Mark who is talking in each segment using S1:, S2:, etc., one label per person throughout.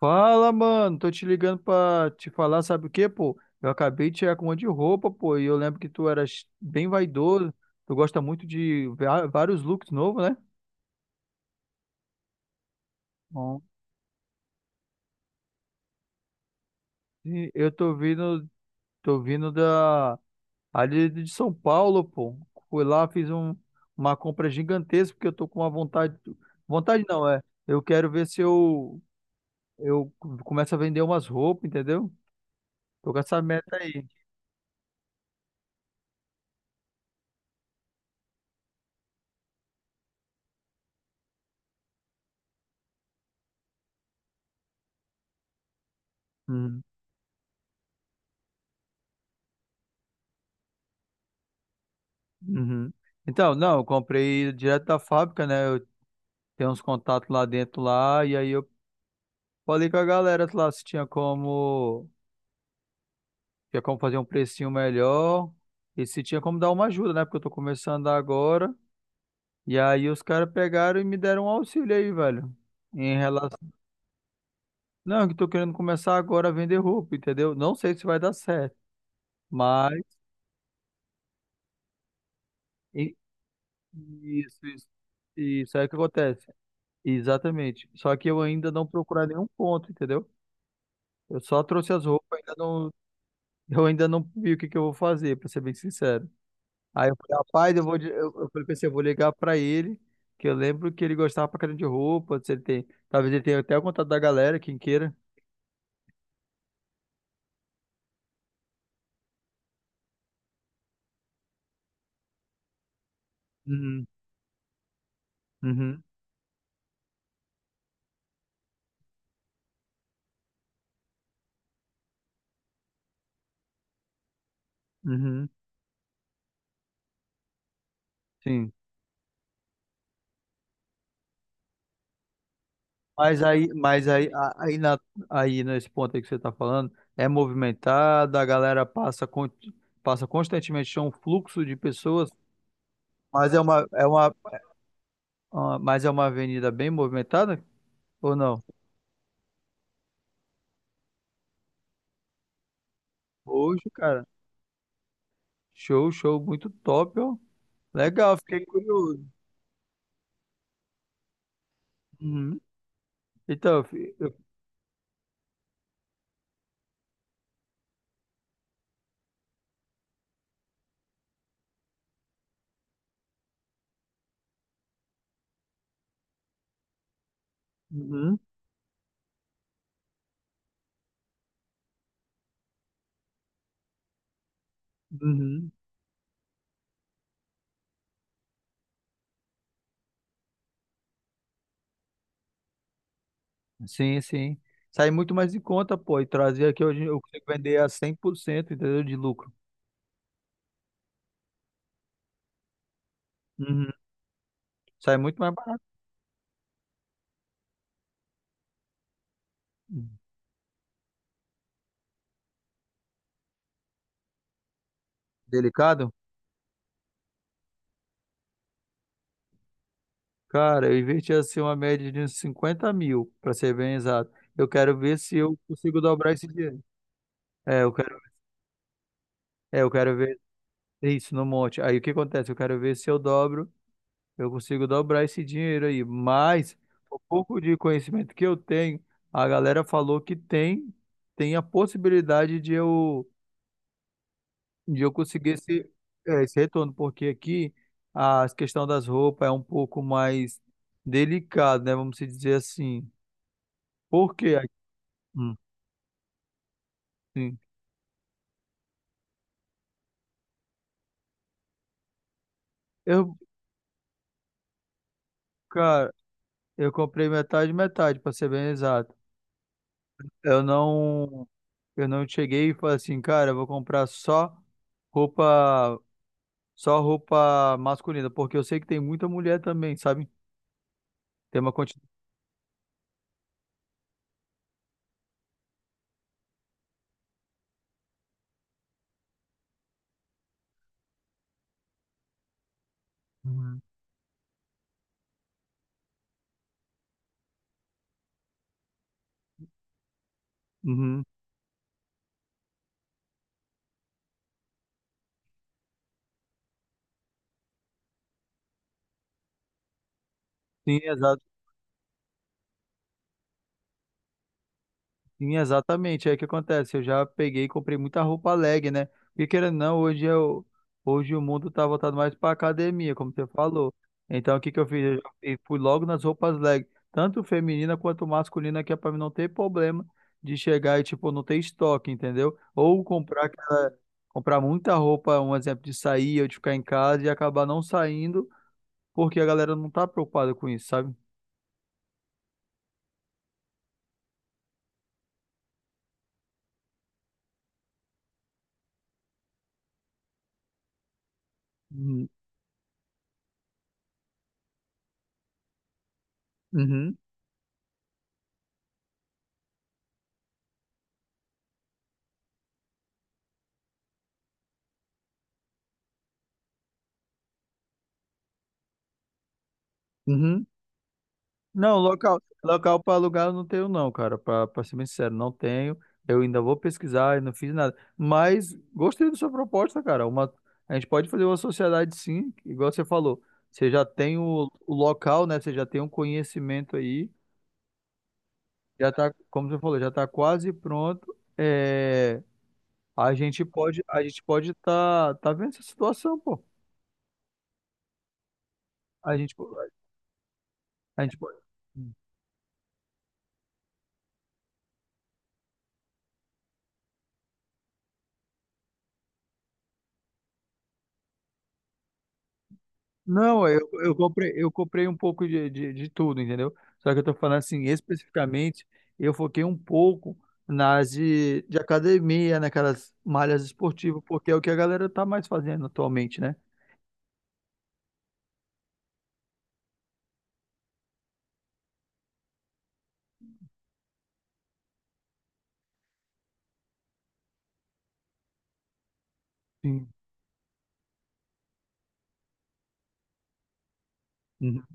S1: Fala, mano. Tô te ligando pra te falar, sabe o quê, pô? Eu acabei de chegar com um monte de roupa, pô, e eu lembro que tu eras bem vaidoso. Tu gosta muito de vários looks novos, né? Bom, E eu tô vindo, tô vindo da ali de São Paulo, pô. Fui lá, uma compra gigantesca, porque eu tô com uma vontade. Vontade não, é. Eu quero ver se eu, eu começo a vender umas roupas, entendeu? Tô com essa meta aí. Uhum. Então, não, eu comprei direto da fábrica, né? Eu tenho uns contatos lá dentro lá, e aí eu falei com a galera lá se tinha como, tinha como fazer um precinho melhor e se tinha como dar uma ajuda, né? Porque eu tô começando agora. E aí os caras pegaram e me deram um auxílio aí, velho. Em relação. Não, que eu tô querendo começar agora a vender roupa, entendeu? Não sei se vai dar certo, mas e- isso, isso, isso aí que acontece. Exatamente. Só que eu ainda não procurar nenhum ponto, entendeu? Eu só trouxe as roupas, ainda não, eu ainda não vi o que que eu vou fazer, pra ser bem sincero. Aí eu falei, rapaz, eu falei, pensei, eu vou ligar pra ele, que eu lembro que ele gostava pra caramba de roupa, se ele tem, talvez ele tenha até o contato da galera, quem queira. Uhum, uhum, uhum, sim. Mas aí, mas aí, a- aí, na, aí nesse ponto aí que você tá falando, é movimentado, a galera passa, con- passa constantemente, é um fluxo de pessoas, mas mas é uma avenida bem movimentada ou não? Hoje, cara. Show, show, muito top, ó. Legal, fiquei curioso. Uhum. Então, uhum, uhum. Sim, sim. Sai muito mais em conta, pô. E trazer aqui hoje eu consigo vender a 100%, entendeu? De lucro. Uhum. Sai muito mais barato. Uhum. Delicado? Cara, eu investi assim uma média de uns 50 mil, pra ser bem exato. Eu quero ver se eu consigo dobrar esse dinheiro. É, eu quero, é, eu quero ver isso no monte. Aí o que acontece? Eu quero ver se eu dobro. Eu consigo dobrar esse dinheiro aí, mas o pouco de conhecimento que eu tenho, a galera falou que tem, tem a possibilidade de eu conseguir esse retorno, porque aqui a questão das roupas é um pouco mais delicado, né? Vamos se dizer assim. Porque aqui, hum, sim, eu, cara, eu comprei metade, metade, para ser bem exato. Eu não, eu não cheguei e falei assim, cara, eu vou comprar só roupa, só roupa masculina, porque eu sei que tem muita mulher também, sabe? Tem uma quantidade. Uhum. Uhum. Sim, exa- sim, exatamente. É o que acontece. Eu já peguei e comprei muita roupa leg, né? Porque querendo ou não, hoje eu, hoje o mundo tá voltado mais pra academia, como você falou. Então, o que que eu fiz? Eu já fui logo nas roupas leg, tanto feminina quanto masculina, que é pra mim não ter problema de chegar e, tipo, não ter estoque, entendeu? Comprar muita roupa, um exemplo de sair, eu de ficar em casa e acabar não saindo porque a galera não tá preocupada com isso, sabe? Uhum, uhum, uhum. Não, local para alugar eu não tenho não, cara, para ser bem sincero, não tenho. Eu ainda vou pesquisar e não fiz nada. Mas gostei da sua proposta, cara. Uma, a gente pode fazer uma sociedade sim, igual você falou. Você já tem o local, né? Você já tem um conhecimento aí, já tá, como você falou, já tá quase pronto. É, a gente pode tá, tá vendo essa situação, pô. A gente, po- a gente pode. Não, eu comprei um pouco de tudo, entendeu? Só que eu tô falando assim, especificamente, eu foquei um pouco de academia, naquelas malhas esportivas, porque é o que a galera tá mais fazendo atualmente, né? Sim. Uhum.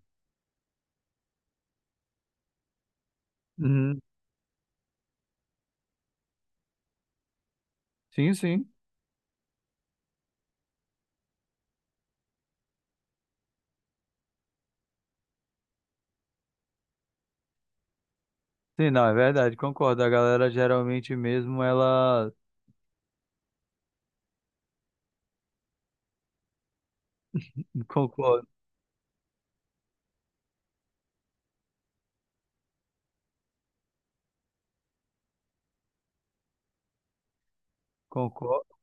S1: Uhum. Sim, sim. Sim, não, é verdade, concordo. A galera geralmente mesmo, ela concordo, concordo.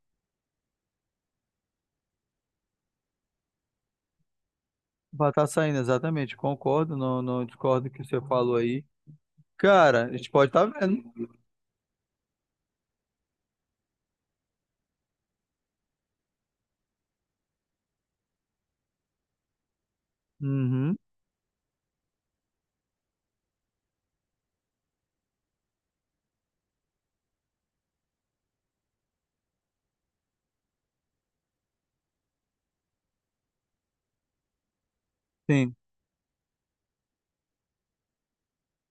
S1: Vai estar saindo, exatamente, concordo, não, não discordo do que você falou aí. Cara, a gente pode estar tá vendo. Uhum. Sim.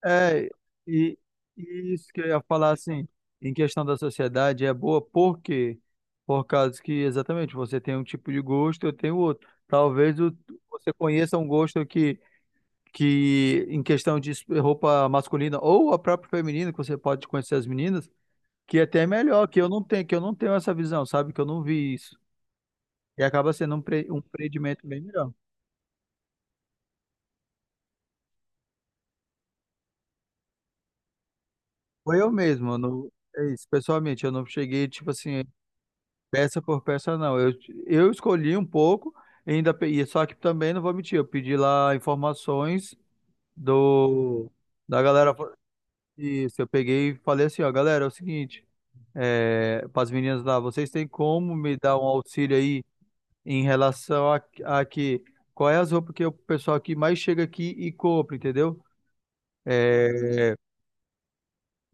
S1: É, e, e isso que eu ia falar assim, em questão da sociedade, é boa por quê? Por causa que exatamente você tem um tipo de gosto, eu tenho outro. Você conheça um gosto que, em questão de roupa masculina ou a própria feminina, que você pode conhecer as meninas, que até é melhor, que eu não tenho essa visão, sabe? Que eu não vi isso. E acaba sendo um empreendimento bem melhor. Foi eu mesmo, eu não, é isso, pessoalmente, eu não cheguei, tipo assim. Peça por peça, não. Eu escolhi um pouco, e só que também não vou mentir, eu pedi lá informações do da galera. Isso, eu peguei e falei assim, ó, galera, é o seguinte, é, para as meninas lá, vocês têm como me dar um auxílio aí em relação a que qual é as roupas que o pessoal aqui mais chega aqui e compra, entendeu? É,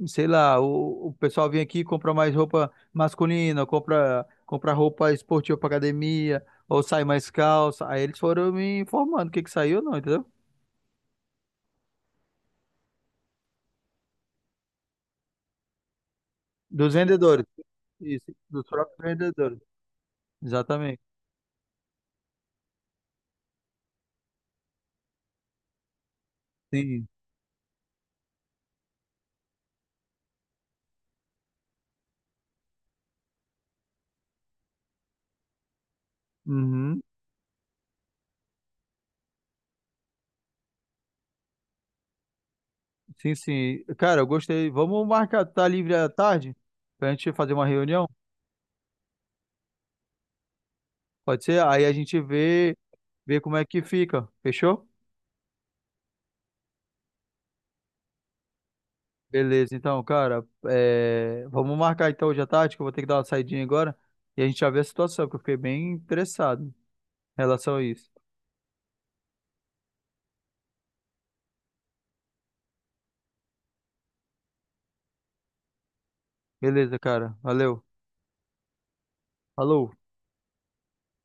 S1: sei lá, o pessoal vem aqui e compra mais roupa masculina, compra roupa esportiva pra academia, ou sai mais calça. Aí eles foram me informando o que que saiu não, entendeu? Dos vendedores. Isso, dos próprios vendedores. Exatamente. Sim. Uhum. Sim, sim. Cara, eu gostei. Vamos marcar, tá livre à tarde? Pra gente fazer uma reunião? Pode ser? Aí a gente vê, vê como é que fica. Fechou? Beleza, então, cara, é, vamos marcar então hoje à tarde, que eu vou ter que dar uma saidinha agora e a gente já vê a situação, porque eu fiquei bem interessado em relação a isso. Beleza, cara, valeu, falou.